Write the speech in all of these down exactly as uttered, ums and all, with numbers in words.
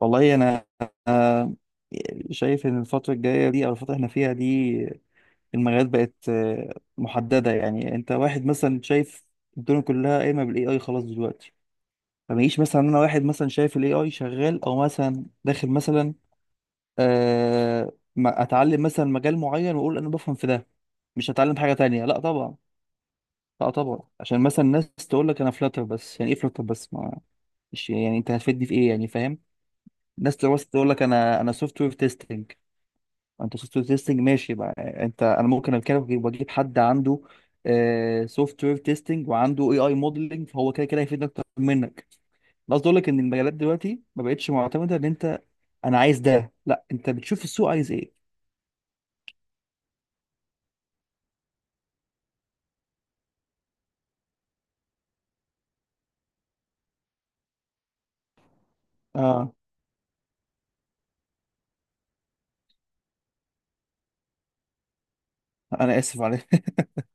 والله انا أنا شايف ان الفتره الجايه دي او الفتره اللي احنا فيها دي المجالات بقت آه، محدده. يعني انت واحد مثلا شايف الدنيا كلها قايمه بالاي اي خلاص دلوقتي. فما يجيش مثلا انا واحد مثلا شايف الاي اي شغال او مثلا داخل مثلا أه ما- اتعلم مثلا مجال معين واقول انا بفهم في ده، مش هتعلم حاجه تانية؟ لا طبعا. لا طبعا، عشان مثلا الناس تقول لك انا فلاتر، بس يعني ايه فلاتر بس؟ ما مش يعني انت هتفيدني في ايه، يعني فاهم. الناس تقول تقول لك انا انا سوفت وير تيستنج، انت سوفت وير تيستنج ماشي بقى، انت انا ممكن اتكلم واجيب حد عنده سوفت وير تيستنج وعنده اي اي موديلنج، فهو كده كده هيفيدني اكتر منك. أنا قصدي اقول لك ان المجالات دلوقتي ما بقتش معتمده ان انت انا عايز ده، لا انت بتشوف السوق عايز ايه. اه، انا اسف عليك.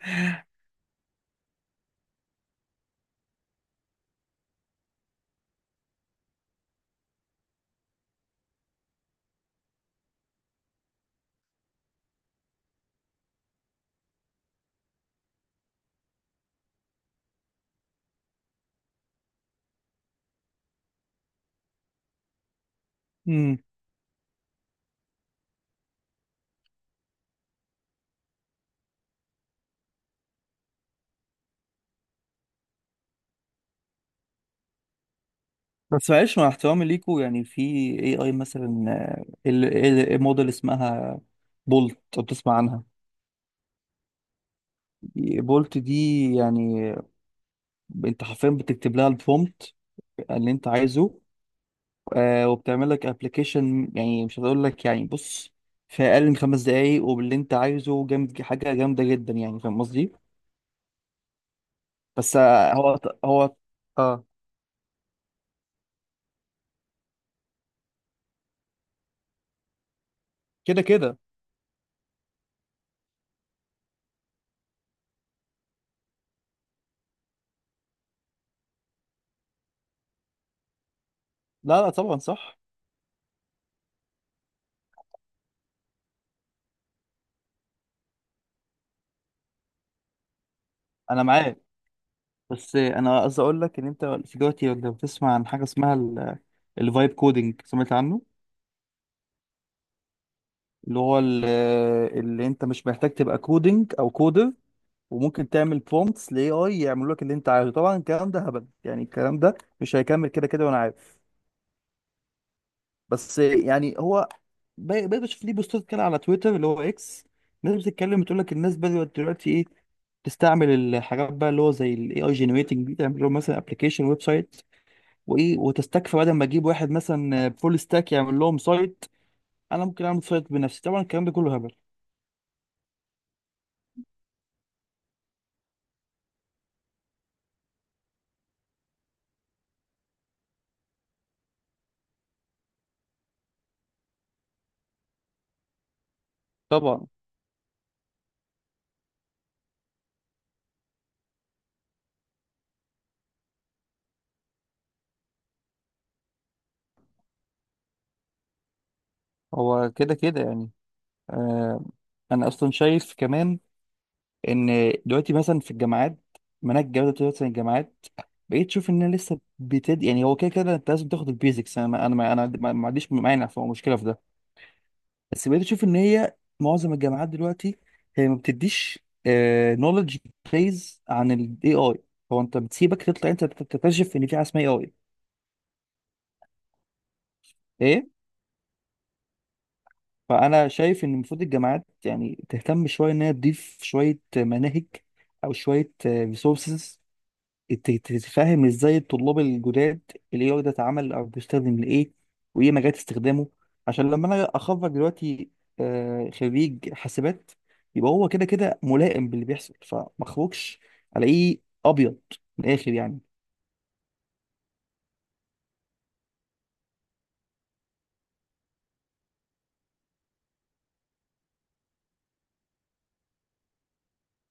مم. بس معلش مع احترامي ليكوا، يعني في اي اي مثلا، آه، ال- ال- الموديل اسمها بولت، لو بتسمع عنها. بولت دي يعني انت حرفيا بتكتب لها البرومبت اللي انت عايزه، آه، وبتعمل لك ابلكيشن. يعني مش هقول لك، يعني بص، في اقل من خمس دقايق وباللي انت عايزه، جامد، حاجه جامده جدا، يعني فاهم قصدي. بس آه، هو هو اه كده كده. لا لا طبعا صح، انا معاك. بس آه، انا قصدي اقول لك ان انت في دلوقتي لو بتسمع عن حاجه اسمها الفايب كودنج، سمعت عنه؟ اللي هو ال- اللي انت مش محتاج تبقى كودنج او كودر، وممكن تعمل برومتس لاي اي يعملوا لك اللي انت عايزه. طبعا الكلام ده هبل، يعني الكلام ده مش هيكمل كده كده، وانا عارف. بس يعني هو بقيت بقيت بشوف ليه بوستات كده على تويتر اللي هو اكس، ناس بتتكلم بتقول لك الناس بدأت دلوقتي ايه، تستعمل الحاجات بقى اللي هو زي الاي اي جنريتنج دي، تعمل لهم مثلا ابلكيشن، ويب سايت، وايه، وتستكفى. بدل ما اجيب واحد مثلا فول ستاك يعمل لهم سايت، انا ممكن اعمل سايت بنفسي. طبعا الكلام ده كله هبل. طبعا هو كده كده يعني. آه، انا اصلا شايف كمان ان دلوقتي مثلا في الجامعات، مناهج الجامعات دلوقتي، مثلا الجامعات بقيت تشوف انها لسه بتد، يعني هو كده كده انت لازم تاخد البيزكس، انا ما- انا ما انا ما ما عنديش مانع، في مشكله في ده. بس بقيت اشوف ان هي معظم الجامعات دلوقتي هي ما بتديش نولج بيز عن الاي اي، هو انت بتسيبك تطلع انت تكتشف ان في حاجه اسمها اي اي، ايه. فانا شايف ان المفروض الجامعات يعني تهتم شويه ان هي تضيف شويه مناهج او شويه ريسورسز، ت- ت- تفهم ازاي الطلاب الجداد الاي اي ده اتعمل او بيستخدم لايه، وايه مجالات استخدامه. عشان لما انا اخرج دلوقتي، آه، خريج حاسبات، يبقى هو كده كده ملائم باللي بيحصل، فما اخرجش الاقيه ابيض من الاخر يعني.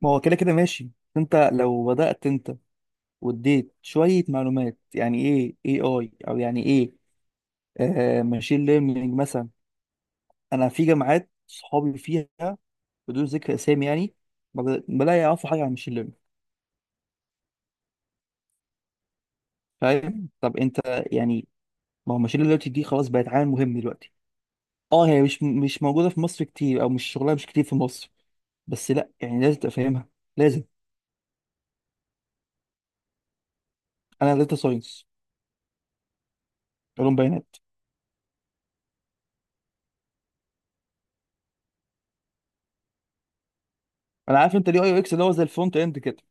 ما هو كده كده ماشي. انت لو بدأت انت واديت شوية معلومات يعني ايه اي اي، او يعني ايه آه ماشين ليرنينج مثلا، انا في جامعات صحابي فيها، بدون ذكر اسامي يعني، ما بلا يعرفوا حاجة عن ماشين ليرنينج. فاهم؟ طب انت يعني، ما هو ماشين دلوقتي دي خلاص بقت عامل مهم دلوقتي. اه هي مش مش موجوده في مصر كتير، او مش شغلها مش كتير في مصر، بس لا يعني لازم تبقى فاهمها، لازم. انا داتا ساينس، علوم بيانات. انا عارف انت اليو اي يو اكس اللي هو زي الفرونت اند كده.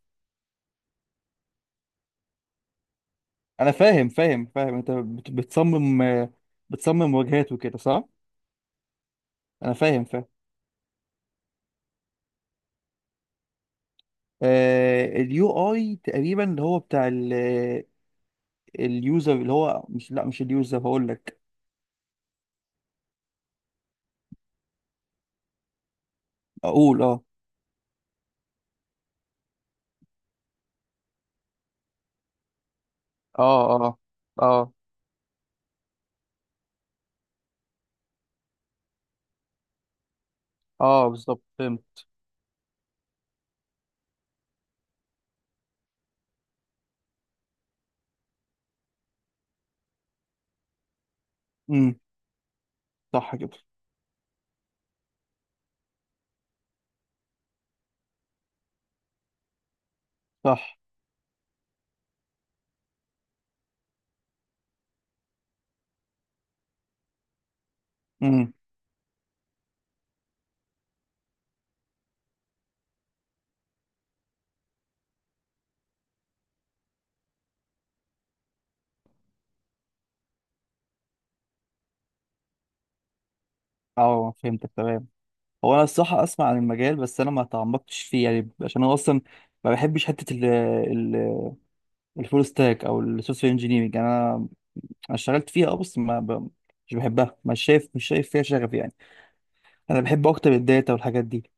انا فاهم فاهم فاهم، انت بت- بتصمم، آه، بتصمم واجهات وكده، صح؟ انا فاهم فاهم. آه اليو اي تقريبا اللي هو بتاع اليوزر، اللي هو مش، لا مش اليوزر، هقول لك. اقول اه. اه، اه، اه، بالظبط فهمت. امم، صح كده. صح. امم. اه فهمتك تمام. هو انا الصراحه اسمع عن المجال بس انا ما تعمقتش فيه، يعني عشان انا اصلا ما بحبش حته ال ال الفول ستاك او السوفت وير انجينيرنج. انا أنا اشتغلت فيها اه، بس ما ب... مش بحبها، مش شايف، مش شايف فيها شغف يعني. انا بحب اكتر الداتا والحاجات دي.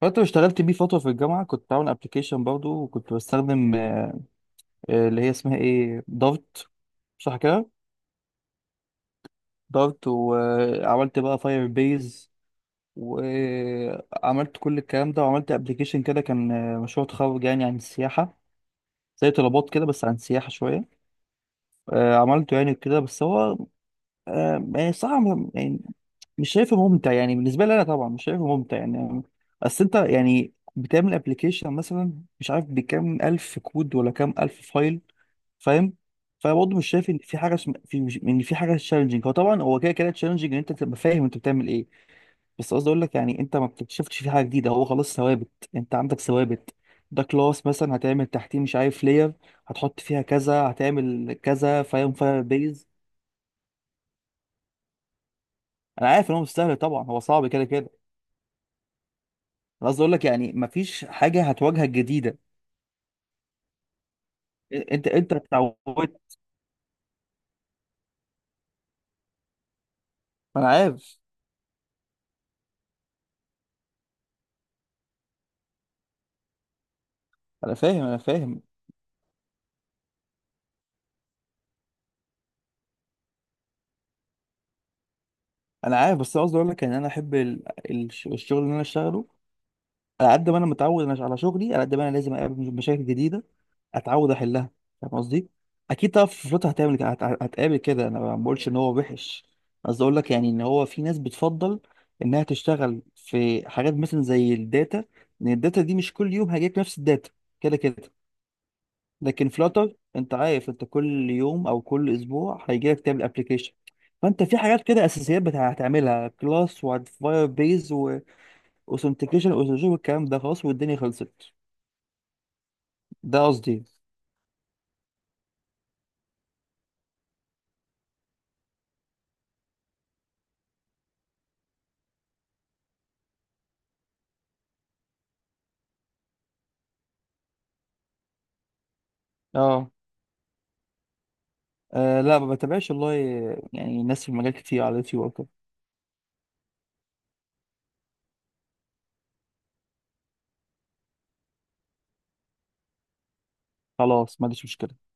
فانت اشتغلت بيه فتره في الجامعه، كنت بعمل ابلكيشن برضه، وكنت بستخدم آه، آه، اللي هي اسمها ايه، دارت، صح كده؟ دارت، وعملت بقى فاير بيز وعملت كل الكلام ده، وعملت ابلكيشن كده، كان آه، مشروع تخرج يعني، عن السياحة، زي طلبات كده بس عن السياحة شوية. آه، عملته يعني كده، بس هو آه، يعني صراحة م- يعني مش شايفه ممتع، يعني بالنسبة لي أنا طبعا مش شايفه ممتع يعني. أصل أنت يعني بتعمل ابلكيشن مثلا، مش عارف بكام ألف كود ولا كام ألف فايل، فاهم. فبرضه مش شايف إن في حاجة اسم- في إن في حاجة تشالنجينج، هو طبعا هو كده كده تشالنجينج إن أنت تبقى فاهم أنت بتعمل إيه. بس قصدي اقول لك يعني انت ما بتكتشفتش فيه حاجه جديده، هو خلاص ثوابت، انت عندك ثوابت، ده كلاس مثلا هتعمل تحتيه، مش عارف لير، هتحط فيها كذا، هتعمل كذا، فاهم، فاير بيز. انا عارف ان هو مش سهل طبعا، هو صعب كده كده. انا قصدي اقول لك يعني ما فيش حاجه هتواجهك جديده. انت انت اتعودت. انا عارف. انا فاهم انا فاهم. انا عارف، بس أنا قصدي اقول لك ان انا احب ال- الش- الشغل اللي انا اشتغله، على قد ما انا متعود انا على شغلي، على قد ما انا لازم اقابل مشاكل جديده اتعود احلها، فاهم قصدي. اكيد طبعا في فلوتها هتعمل، هت- هتقابل كده، انا ما بقولش ان هو وحش. قصدي اقول لك يعني ان هو في ناس بتفضل انها تشتغل في حاجات مثلا زي الداتا، لان الداتا دي مش كل يوم هيجيلك نفس الداتا، كده كده. لكن فلاتر انت عارف انت كل يوم او كل اسبوع هيجيلك تعمل ابلكيشن. فانت في حاجات كده اساسيات بتاع- هتعملها كلاس، وهتفاير بيز، اوثنتيكيشن واوثنتيكيشن، والكلام ده خلاص والدنيا خلصت. ده قصدي. اه، آه، لا ما بتابعش والله، يعني ناس في المجال كتير على اليوتيوب او كده. خلاص، ما عنديش مشكله.